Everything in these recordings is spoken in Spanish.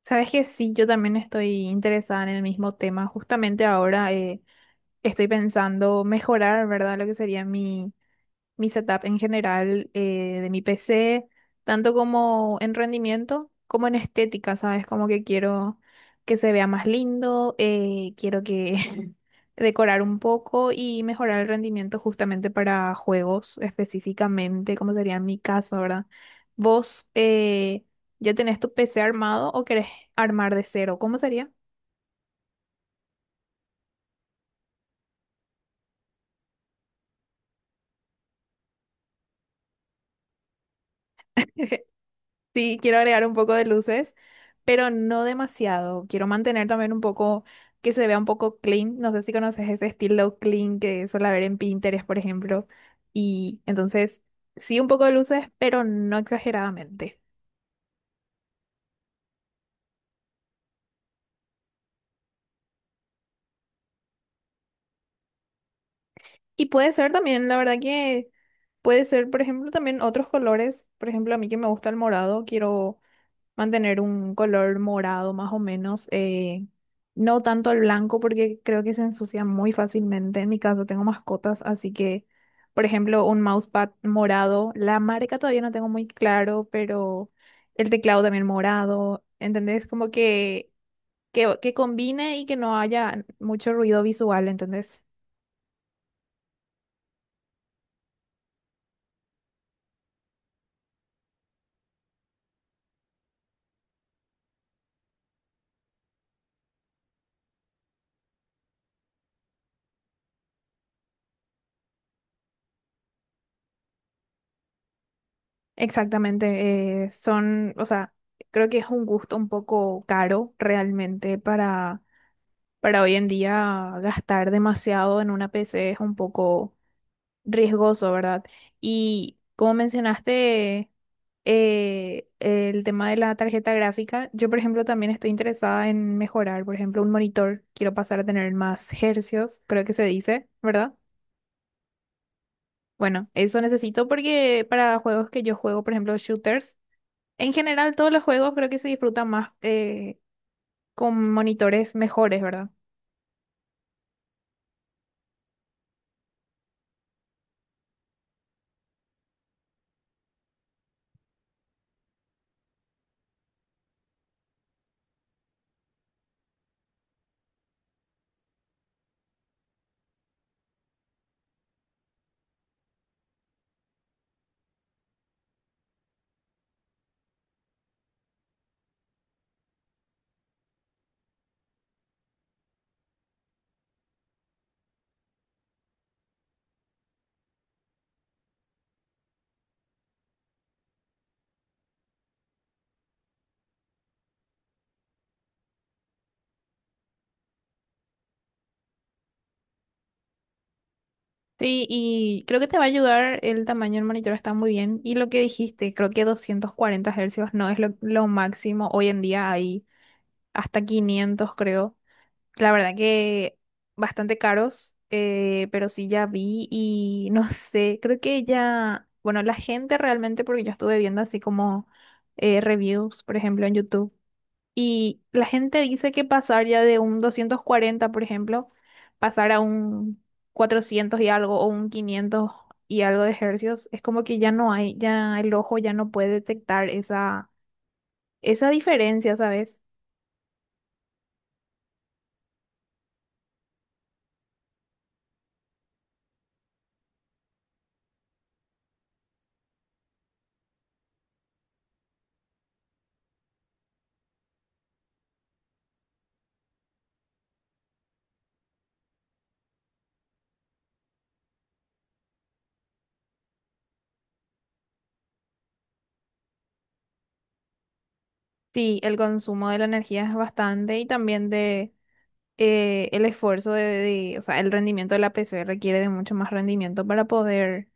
Sabes que sí, yo también estoy interesada en el mismo tema. Justamente ahora estoy pensando mejorar, ¿verdad? Lo que sería mi setup en general, de mi PC, tanto como en rendimiento como en estética, ¿sabes? Como que quiero que se vea más lindo. Quiero que decorar un poco y mejorar el rendimiento justamente para juegos específicamente, como sería en mi caso, ¿verdad? ¿Vos ya tenés tu PC armado o querés armar de cero? ¿Cómo sería? Sí, quiero agregar un poco de luces, pero no demasiado. Quiero mantener también un poco que se vea un poco clean. No sé si conoces ese estilo clean que suele ver en Pinterest, por ejemplo. Y entonces, sí, un poco de luces, pero no exageradamente. Y puede ser también, la verdad que puede ser, por ejemplo, también otros colores. Por ejemplo, a mí que me gusta el morado, quiero mantener un color morado más o menos. No tanto el blanco porque creo que se ensucia muy fácilmente. En mi caso tengo mascotas, así que, por ejemplo, un mousepad morado, la marca todavía no tengo muy claro, pero el teclado también morado, ¿entendés? Como que, que combine y que no haya mucho ruido visual, ¿entendés? Exactamente, son, o sea, creo que es un gusto un poco caro realmente para... Para hoy en día gastar demasiado en una PC es un poco riesgoso, ¿verdad? Y como mencionaste, el tema de la tarjeta gráfica, yo por ejemplo también estoy interesada en mejorar, por ejemplo, un monitor, quiero pasar a tener más hercios, creo que se dice, ¿verdad? Bueno, eso necesito porque para juegos que yo juego, por ejemplo, shooters, en general todos los juegos creo que se disfrutan más con monitores mejores, ¿verdad? Sí, y creo que te va a ayudar, el tamaño del monitor está muy bien. Y lo que dijiste, creo que 240 hercios no es lo máximo. Hoy en día hay hasta 500 creo. La verdad que bastante caros, pero sí ya vi y no sé, creo que ya, bueno, la gente realmente, porque yo estuve viendo así como reviews, por ejemplo, en YouTube. Y la gente dice que pasar ya de un 240 por ejemplo, pasar a un 400 y algo o un 500 y algo de hercios, es como que ya no hay, ya el ojo ya no puede detectar esa, esa diferencia, ¿sabes? Sí, el consumo de la energía es bastante y también de... el esfuerzo de- o sea, el rendimiento de la PC requiere de mucho más rendimiento para poder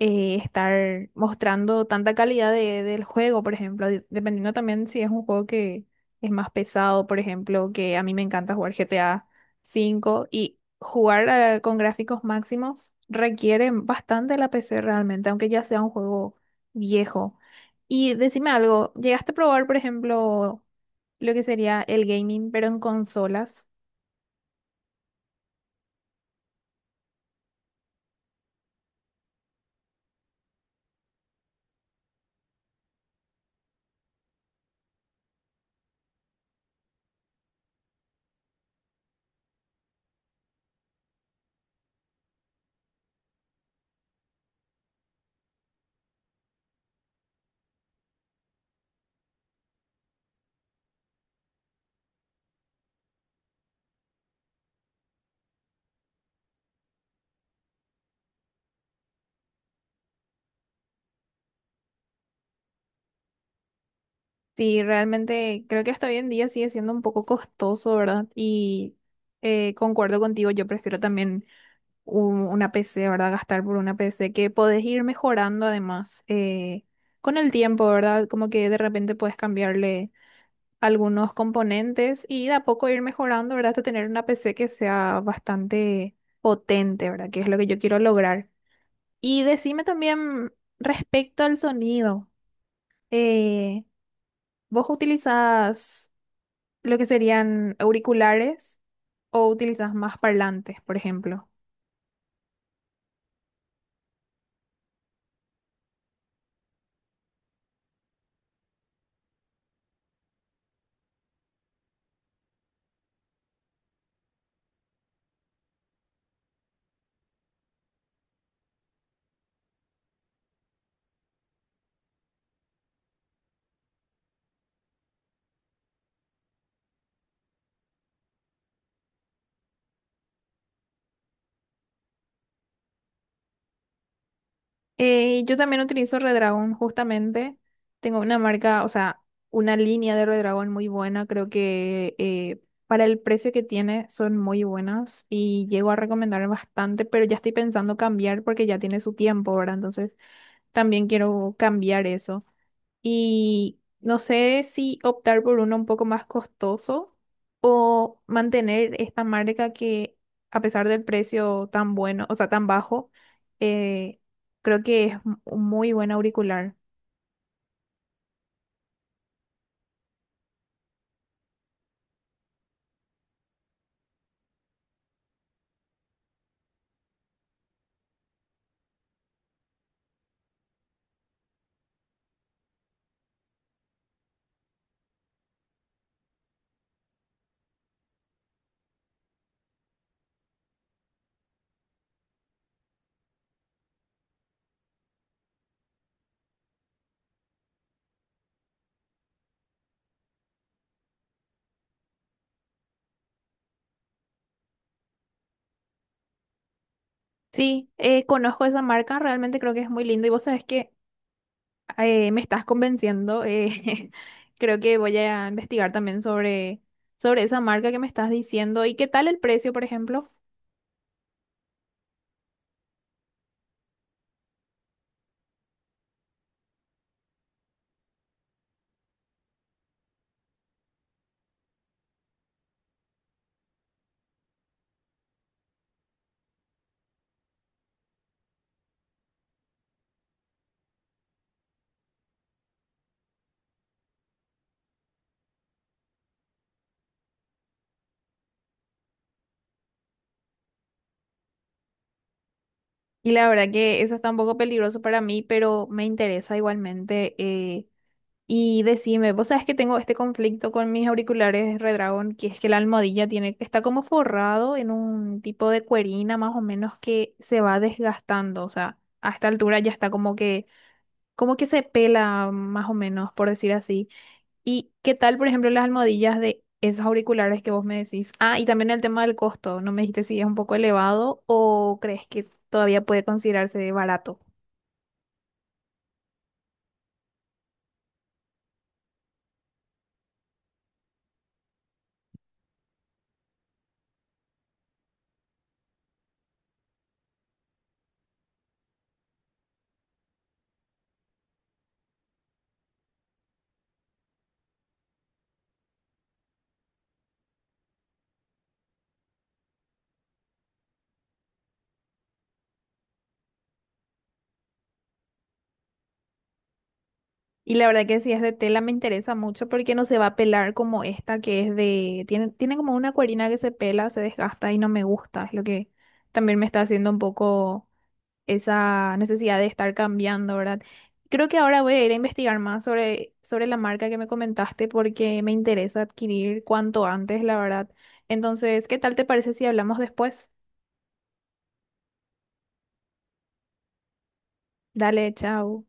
estar mostrando tanta calidad de- del juego, por ejemplo, de- dependiendo también si es un juego que es más pesado, por ejemplo, que a mí me encanta jugar GTA 5 y jugar con gráficos máximos requiere bastante la PC realmente, aunque ya sea un juego viejo. Y decime algo, ¿llegaste a probar, por ejemplo, lo que sería el gaming, pero en consolas? Sí, realmente creo que hasta hoy en día sigue siendo un poco costoso, ¿verdad? Y concuerdo contigo, yo prefiero también una PC, ¿verdad? Gastar por una PC que podés ir mejorando además, con el tiempo, ¿verdad? Como que de repente puedes cambiarle algunos componentes y de a poco ir mejorando, ¿verdad? Hasta tener una PC que sea bastante potente, ¿verdad? Que es lo que yo quiero lograr. Y decime también respecto al sonido. Eh, ¿Vos utilizás lo que serían auriculares o utilizas más parlantes, por ejemplo? Yo también utilizo Redragon, justamente. Tengo una marca, o sea, una línea de Redragon muy buena. Creo que para el precio que tiene son muy buenas y llego a recomendar bastante, pero ya estoy pensando cambiar porque ya tiene su tiempo, ¿verdad? Entonces también quiero cambiar eso. Y no sé si optar por uno un poco más costoso o mantener esta marca que a pesar del precio tan bueno, o sea, tan bajo, eh, creo que es un muy buen auricular. Sí, conozco esa marca, realmente creo que es muy lindo y vos sabés que me estás convenciendo. Creo que voy a investigar también sobre esa marca que me estás diciendo y qué tal el precio, por ejemplo. Y la verdad que eso está un poco peligroso para mí, pero me interesa igualmente. Y decime, vos sabés que tengo este conflicto con mis auriculares Redragon, que es que la almohadilla tiene, está como forrado en un tipo de cuerina más o menos que se va desgastando. O sea, a esta altura ya está como que se pela más o menos, por decir así. ¿Y qué tal, por ejemplo, las almohadillas de esos auriculares que vos me decís? Ah, y también el tema del costo. ¿No me dijiste si es un poco elevado o crees que todavía puede considerarse barato? Y la verdad que si es de tela me interesa mucho porque no se va a pelar como esta que es de... Tiene, tiene como una cuerina que se pela, se desgasta y no me gusta. Es lo que también me está haciendo un poco... esa necesidad de estar cambiando, ¿verdad? Creo que ahora voy a ir a investigar más sobre la marca que me comentaste porque me interesa adquirir cuanto antes, la verdad. Entonces, ¿qué tal te parece si hablamos después? Dale, chao.